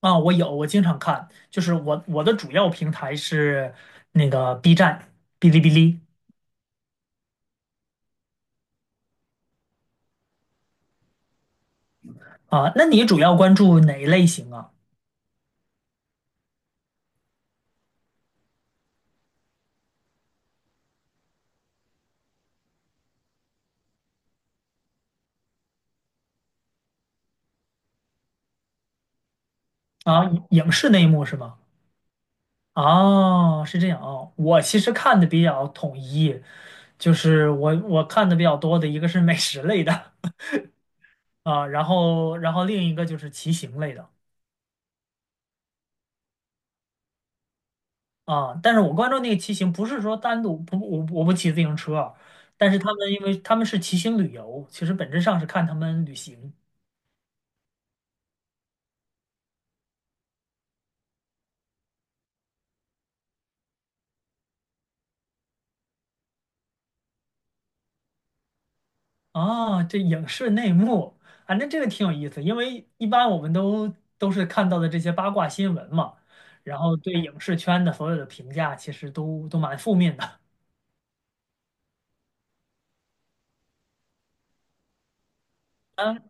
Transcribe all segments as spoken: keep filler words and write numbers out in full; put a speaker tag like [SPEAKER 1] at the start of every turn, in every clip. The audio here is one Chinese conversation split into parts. [SPEAKER 1] 啊，我有，我经常看，就是我我的主要平台是那个 B 站、哔哩哔哩啊。那你主要关注哪一类型啊？啊，影影视内幕是吗？哦，是这样啊。我其实看的比较统一，就是我我看的比较多的一个是美食类的啊，然后然后另一个就是骑行类的啊。但是我关注那个骑行，不是说单独不我我不骑自行车啊，但是他们因为他们是骑行旅游，其实本质上是看他们旅行。哦，这影视内幕啊，那这个挺有意思，因为一般我们都都是看到的这些八卦新闻嘛，然后对影视圈的所有的评价其实都都蛮负面的 嗯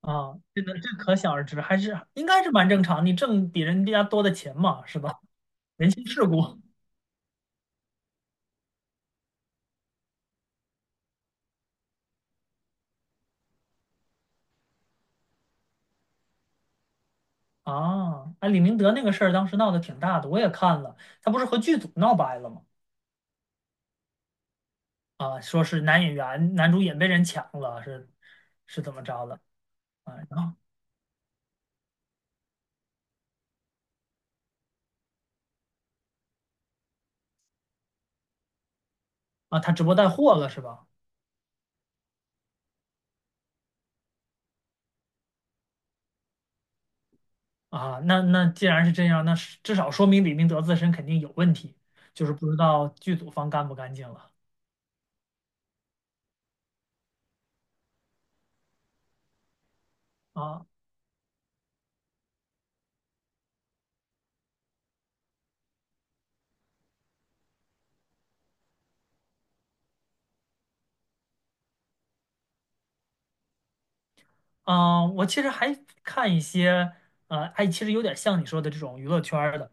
[SPEAKER 1] 啊，这能这可想而知，还是应该是蛮正常，你挣比人家多的钱嘛，是吧？人情世故啊，啊，李明德那个事儿当时闹得挺大的，我也看了，他不是和剧组闹掰了吗？啊，说是男演员男主演被人抢了，是是怎么着了？啊，然后啊，他直播带货了是吧？啊，那那既然是这样，那是至少说明李明德自身肯定有问题，就是不知道剧组方干不干净了啊。嗯，我其实还看一些，呃，哎，其实有点像你说的这种娱乐圈儿的，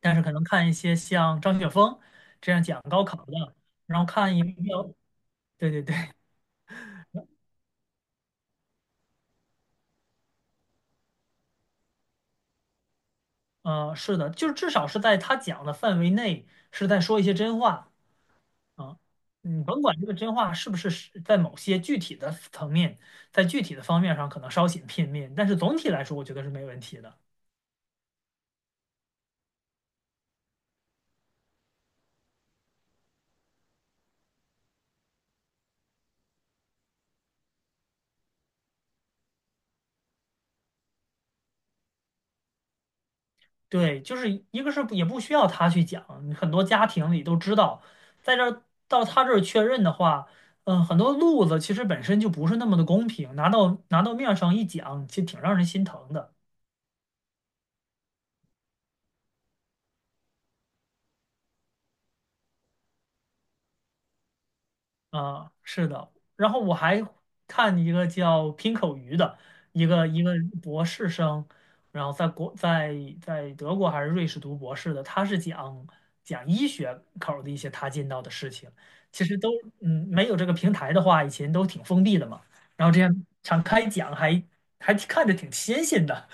[SPEAKER 1] 但是可能看一些像张雪峰这样讲高考的，然后看一个比较，对对对，呃，是的，就是至少是在他讲的范围内，是在说一些真话。啊，你甭管这个真话是不是是在某些具体的层面，在具体的方面上可能稍显片面，但是总体来说，我觉得是没问题的。对，就是一个是也不需要他去讲，很多家庭里都知道，在这儿到他这儿确认的话，嗯，很多路子其实本身就不是那么的公平，拿到拿到面上一讲，其实挺让人心疼的。啊，是的。然后我还看一个叫拼口鱼的，一个一个博士生，然后在国在在德国还是瑞士读博士的，他是讲讲医学口儿的一些他见到的事情。其实都嗯，没有这个平台的话，以前都挺封闭的嘛。然后这样敞开讲还还看着挺新鲜的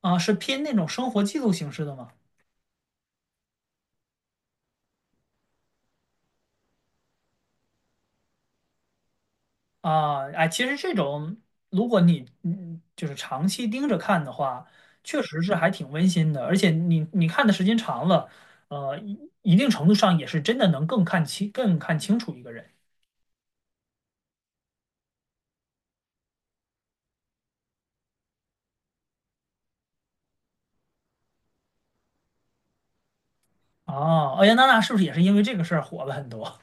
[SPEAKER 1] 啊，是偏那种生活记录形式的吗？啊，哎，其实这种，如果你嗯就是长期盯着看的话，确实是还挺温馨的，而且你你看的时间长了，呃，一一定程度上也是真的能更看清、更看清楚一个人。哦，欧阳娜娜是不是也是因为这个事儿火了很多？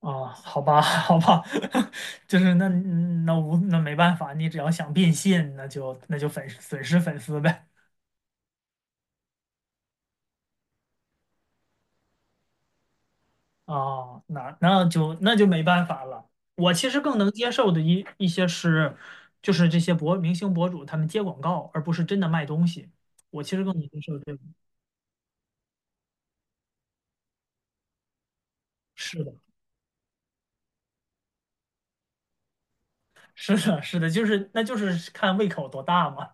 [SPEAKER 1] 啊？好吧，好吧，就是那嗯那无那没办法，你只要想变现，那就那就粉损失粉丝呗。哦，那那就那就没办法了。我其实更能接受的一一些是，就是这些博明星博主他们接广告，而不是真的卖东西。我其实更能接受这种。是的，是的，是的，就是那就是看胃口多大嘛。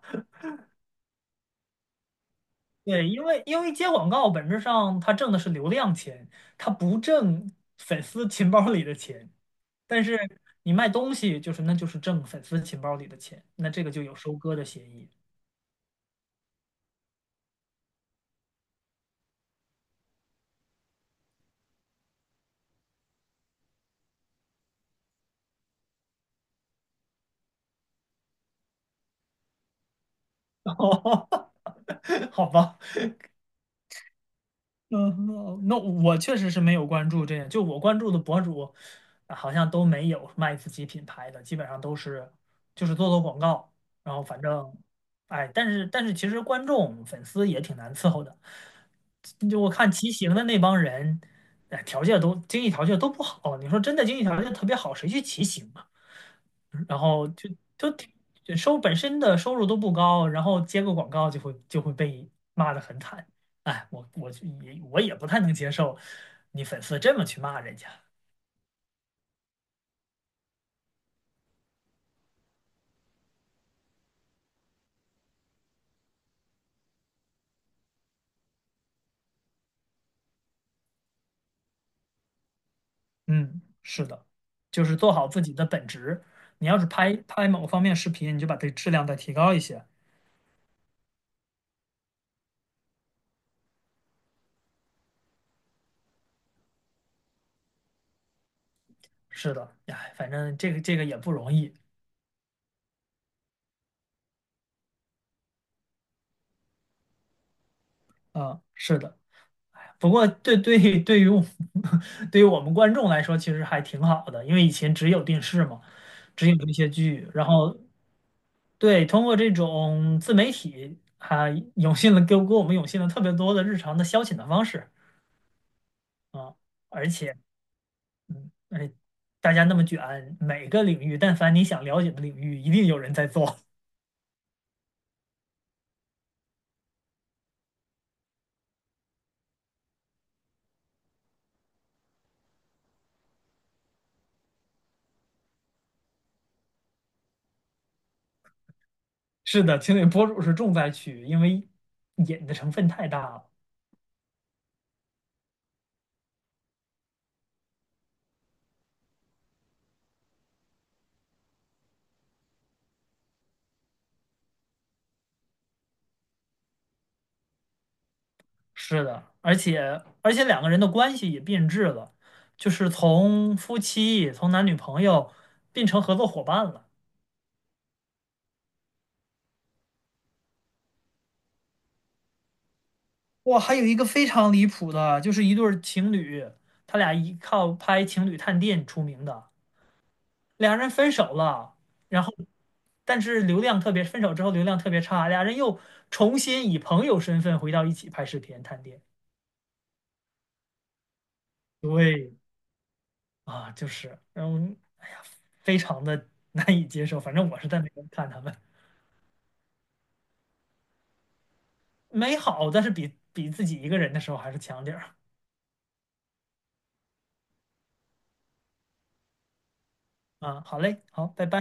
[SPEAKER 1] 对，因为因为接广告本质上他挣的是流量钱，他不挣粉丝钱包里的钱。但是你卖东西，就是那就是挣粉丝钱包里的钱，那这个就有收割的嫌疑。哦好吧。嗯，那那我确实是没有关注这个，就我关注的博主，啊好像都没有卖自己品牌的，基本上都是就是做做广告，然后反正，哎，但是但是其实观众粉丝也挺难伺候的，就我看骑行的那帮人，哎，条件都经济条件都不好，你说真的经济条件特别好，谁去骑行啊？然后就就挺就收本身的收入都不高，然后接个广告就会就会被骂得很惨。哎，我我就也我也不太能接受你粉丝这么去骂人家。嗯，是的，就是做好自己的本职。你要是拍拍某方面视频，你就把这质量再提高一些。是的，哎，反正这个这个也不容易啊，是的。不过对对对于我 对于我们观众来说，其实还挺好的，因为以前只有电视嘛。只有这些剧，然后对，通过这种自媒体，还涌现了给给我们涌现了特别多的日常的消遣的方式啊，而且，嗯，哎，大家那么卷，每个领域，但凡你想了解的领域，一定有人在做。是的，情侣博主是重灾区，因为瘾的成分太大了。是的，而且而且两个人的关系也变质了，就是从夫妻，从男女朋友变成合作伙伴了。哇，还有一个非常离谱的，就是一对儿情侣，他俩依靠拍情侣探店出名的，俩人分手了，然后但是流量特别，分手之后流量特别差，俩人又重新以朋友身份回到一起拍视频探店。对啊，就是，然后哎呀，非常的 难以接受。反正我是在那边看他们，美好，但是比比自己一个人的时候还是强点儿啊。好嘞，好，拜拜。